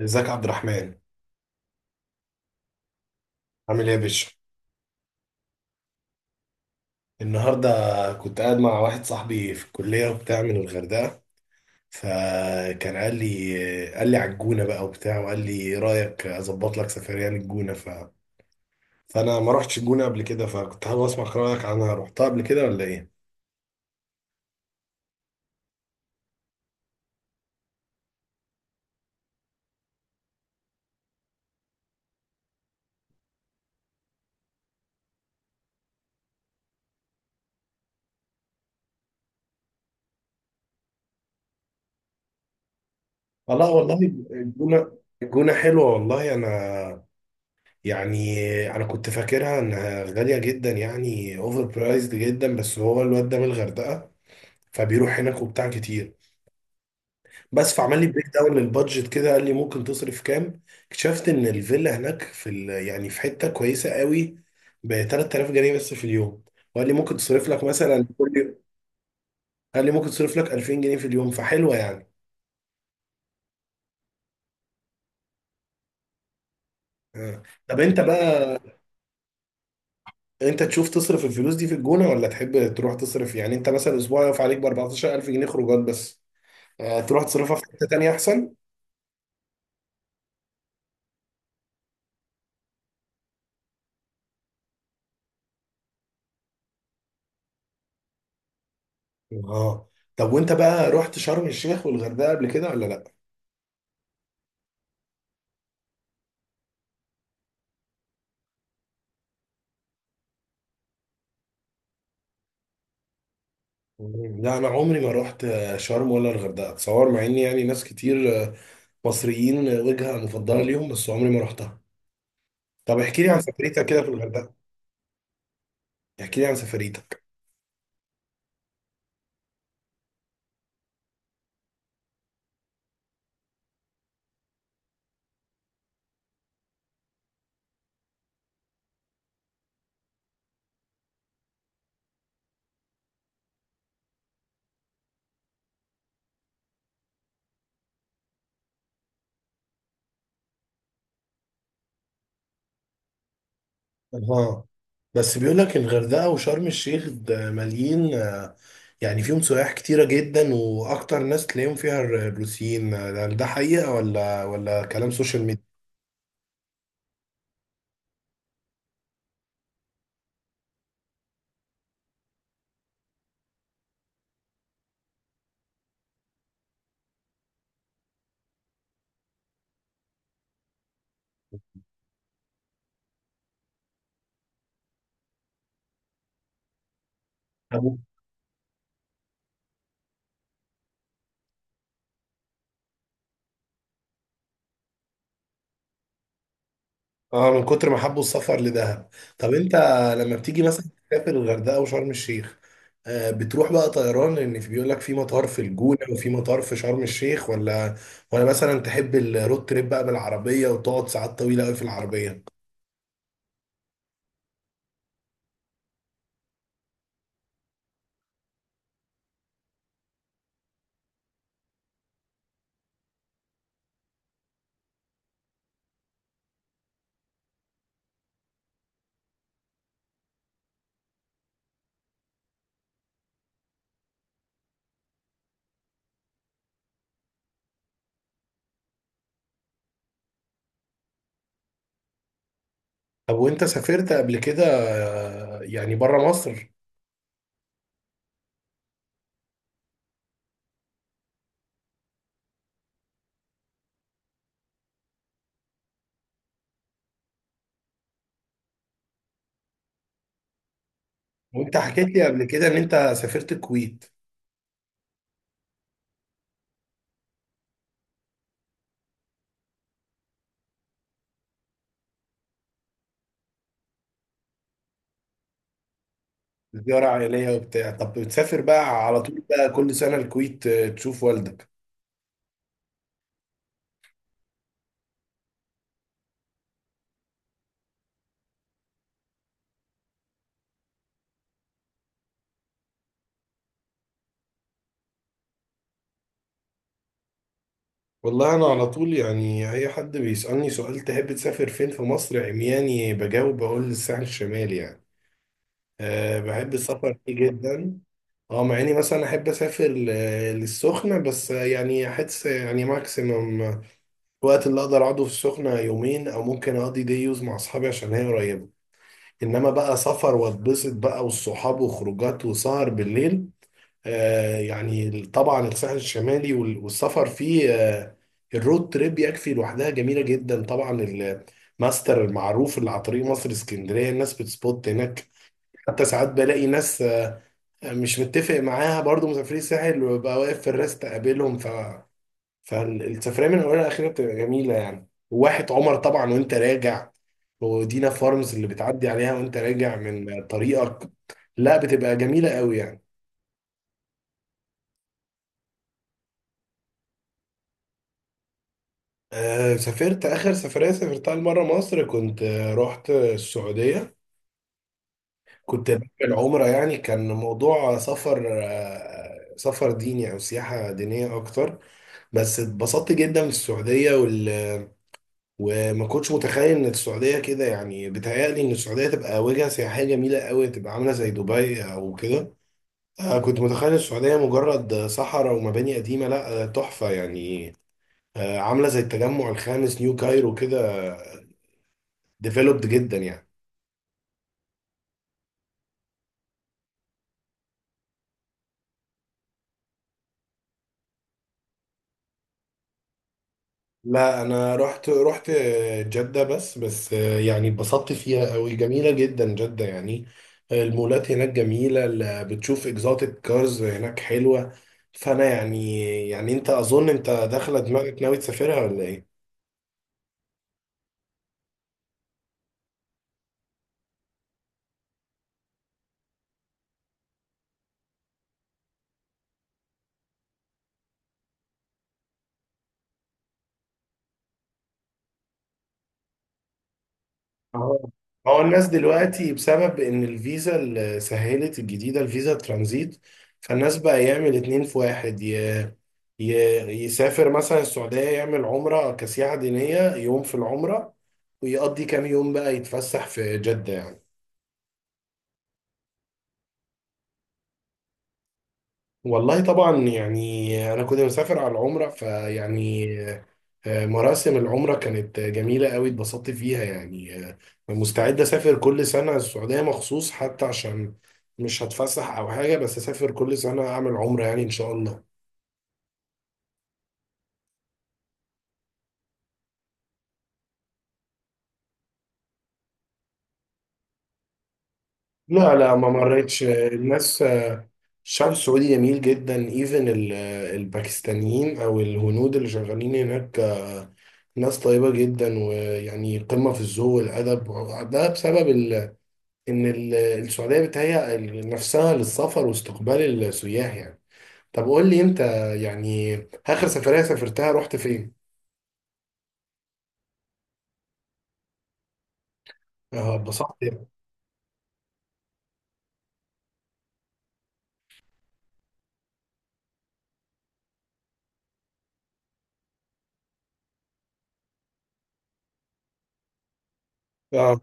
ازيك يا عبد الرحمن. عامل ايه يا باشا؟ النهارده كنت قاعد مع واحد صاحبي في الكليه وبتاع من الغردقه، فكان قال لي على الجونه بقى وبتاع، وقال لي ايه رايك اظبط لك سفريه للجونه فانا ما رحتش الجونه قبل كده، فكنت حابب اسمع رايك عنها، رحتها قبل كده ولا ايه؟ والله. الجونه، الجونه حلوه والله. انا يعني انا كنت فاكرها انها غاليه جدا، يعني اوفر برايزد جدا، بس هو الواد ده من الغردقه فبيروح هناك وبتاع كتير، بس فعمل لي بريك داون للبادجت كده، قال لي ممكن تصرف كام. اكتشفت ان الفيلا هناك يعني في حته كويسه قوي ب 3000 جنيه بس في اليوم، وقال لي ممكن تصرف لك مثلا كل يوم، قال لي ممكن تصرف لك 2000 جنيه في اليوم، فحلوه يعني. آه. طب انت بقى، انت تشوف تصرف الفلوس دي في الجونه ولا تحب تروح تصرف، يعني انت مثلا اسبوع يقف عليك ب 14000 جنيه خروجات بس. آه. تروح تصرفها في حته تانيه احسن. اه. طب وانت بقى رحت شرم الشيخ والغردقه قبل كده ولا لا؟ لا، انا عمري ما رحت شرم ولا الغردقه، اتصور، مع ان يعني ناس كتير مصريين وجهه مفضله ليهم، بس عمري ما رحتها. طب احكي لي عن سفريتك كده في الغردقه، احكي لي عن سفريتك. اها. بس بيقول لك الغردقه وشرم الشيخ ده مليين، يعني فيهم سياح كتيره جدا، واكتر ناس تلاقيهم فيها الروسيين، ده ده حقيقه ولا كلام سوشيال ميديا؟ اه من كتر ما حبوا السفر لدهب. طب انت لما بتيجي مثلا تسافر الغردقه وشرم الشيخ، بتروح بقى طيران، لان في بيقول لك في مطار في الجونه وفي مطار في شرم الشيخ، ولا مثلا تحب الرود تريب بقى بالعربيه وتقعد ساعات طويله قوي في العربيه؟ طب وانت سافرت قبل كده يعني بره مصر؟ وانت حكيت لي قبل كده ان انت سافرت الكويت، زياره عائليه وبتاع. طب بتسافر بقى على طول بقى كل سنه الكويت، تشوف والدك؟ والله انا على طول يعني اي حد بيسألني سؤال تحب تسافر فين في مصر، عمياني بجاوب بقول الساحل الشمالي. يعني أه بحب السفر فيه جدا. اه، مع اني مثلا احب اسافر للسخنة، بس يعني احس يعني ماكسيمم الوقت اللي اقدر اقعده في السخنة يومين، او ممكن اقضي ديوز مع اصحابي عشان هي قريبة. انما بقى سفر واتبسط بقى والصحاب وخروجات وسهر بالليل، يعني طبعا الساحل الشمالي والسفر فيه، الرود تريب يكفي لوحدها جميلة جدا طبعا. الماستر المعروف اللي على طريق مصر اسكندرية، الناس بتسبوت هناك. حتى ساعات بلاقي ناس مش متفق معاها برضو مسافرين الساحل، وببقى واقف في الراس تقابلهم. فالسفرية من أولها لآخرها بتبقى جميلة يعني، وواحة عمر طبعا وأنت راجع، ودينا فارمز اللي بتعدي عليها وأنت راجع من طريقك، لا بتبقى جميلة قوي يعني. آه سافرت. آخر سفرية سافرتها لمرة مصر كنت رحت السعودية، كنت بعمل عمرة. يعني كان موضوع سفر، آه، سفر ديني أو سياحة دينية أكتر. بس اتبسطت جدا في السعودية وما كنتش متخيل إن السعودية كده، يعني بيتهيألي إن السعودية تبقى وجهة سياحية جميلة قوي، تبقى عاملة زي دبي أو كده. آه، كنت متخيل السعودية مجرد صحراء ومباني قديمة، لا تحفة يعني، عاملة زي التجمع الخامس نيو كايرو كده، ديفلوبد جدا يعني. لا انا رحت جدة، بس يعني اتبسطت فيها قوي، جميلة جدا جدة يعني. المولات هناك جميلة، بتشوف اكزوتيك كارز هناك حلوة. فانا يعني، يعني انت اظن انت داخلة دماغك ناوي تسافرها ولا ايه؟ اه. هو الناس دلوقتي بسبب ان الفيزا اللي سهلت الجديدة، الفيزا ترانزيت، فالناس بقى يعمل اتنين في واحد، ي- يسافر مثلا السعودية، يعمل عمرة كسياحة دينية يوم في العمرة، ويقضي كام يوم بقى يتفسح في جدة يعني. والله طبعا يعني أنا كنت مسافر على العمرة، فيعني مراسم العمرة كانت جميلة قوي، اتبسطت فيها يعني. مستعد أسافر كل سنة السعودية مخصوص، حتى عشان مش هتفسح أو حاجة، بس أسافر كل سنة أعمل عمرة يعني إن شاء الله. لا لا، ما مريتش. الناس، الشعب السعودي جميل جدا، ايفن الباكستانيين او الهنود اللي شغالين هناك، ناس طيبة جدا، ويعني قمة في الذوق والأدب. ده بسبب إن السعودية بتهيأ نفسها للسفر واستقبال السياح يعني. طب قول لي أنت، يعني آخر سفرية سافرتها رحت فين؟ اه اتبسطت يعني. اه.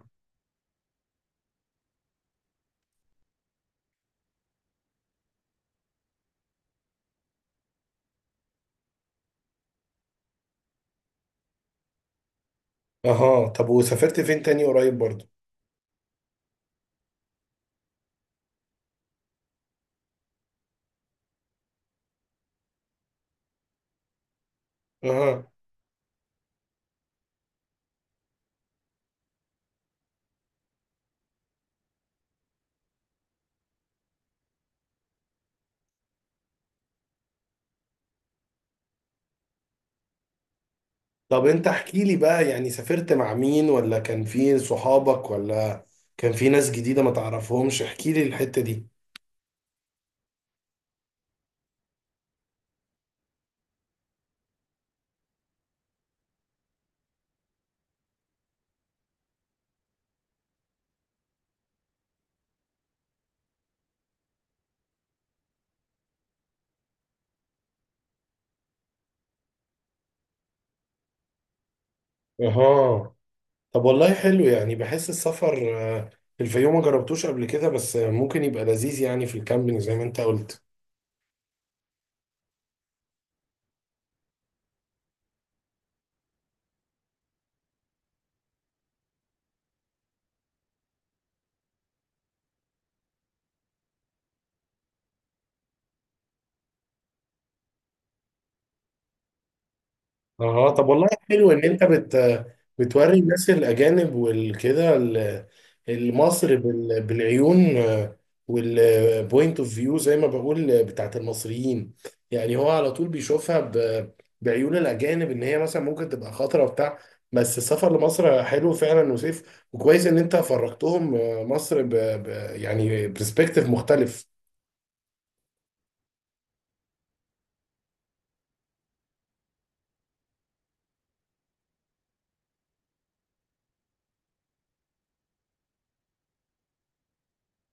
اها. طب وسافرت فين تاني قريب برضه؟ اها. طب انت احكي لي بقى، يعني سافرت مع مين، ولا كان في صحابك، ولا كان في ناس جديدة ما تعرفهمش؟ احكي لي الحتة دي. اها. طب والله حلو، يعني بحس السفر في الفيوم ما جربتوش قبل كده، بس ممكن يبقى لذيذ يعني في الكامبينج زي ما انت قلت. اه. طب والله حلو ان انت بتوري الناس الاجانب والكده، المصر بالعيون والبوينت اوف فيو زي ما بقول بتاعت المصريين. يعني هو على طول بيشوفها بعيون الاجانب ان هي مثلا ممكن تبقى خطره وبتاع، بس السفر لمصر حلو فعلا وسيف، وكويس ان انت فرجتهم مصر ب... يعني برسبكتيف مختلف.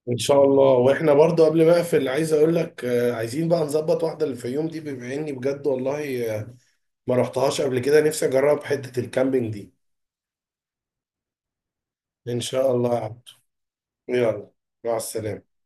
ان شاء الله. واحنا برضه قبل ما اقفل، عايز اقول لك عايزين بقى نظبط واحده للفيوم دي، بما اني بجد والله ما رحتهاش قبل كده، نفسي اجرب حته الكامبينج دي. ان شاء الله يا عبد. يلا، مع السلامه.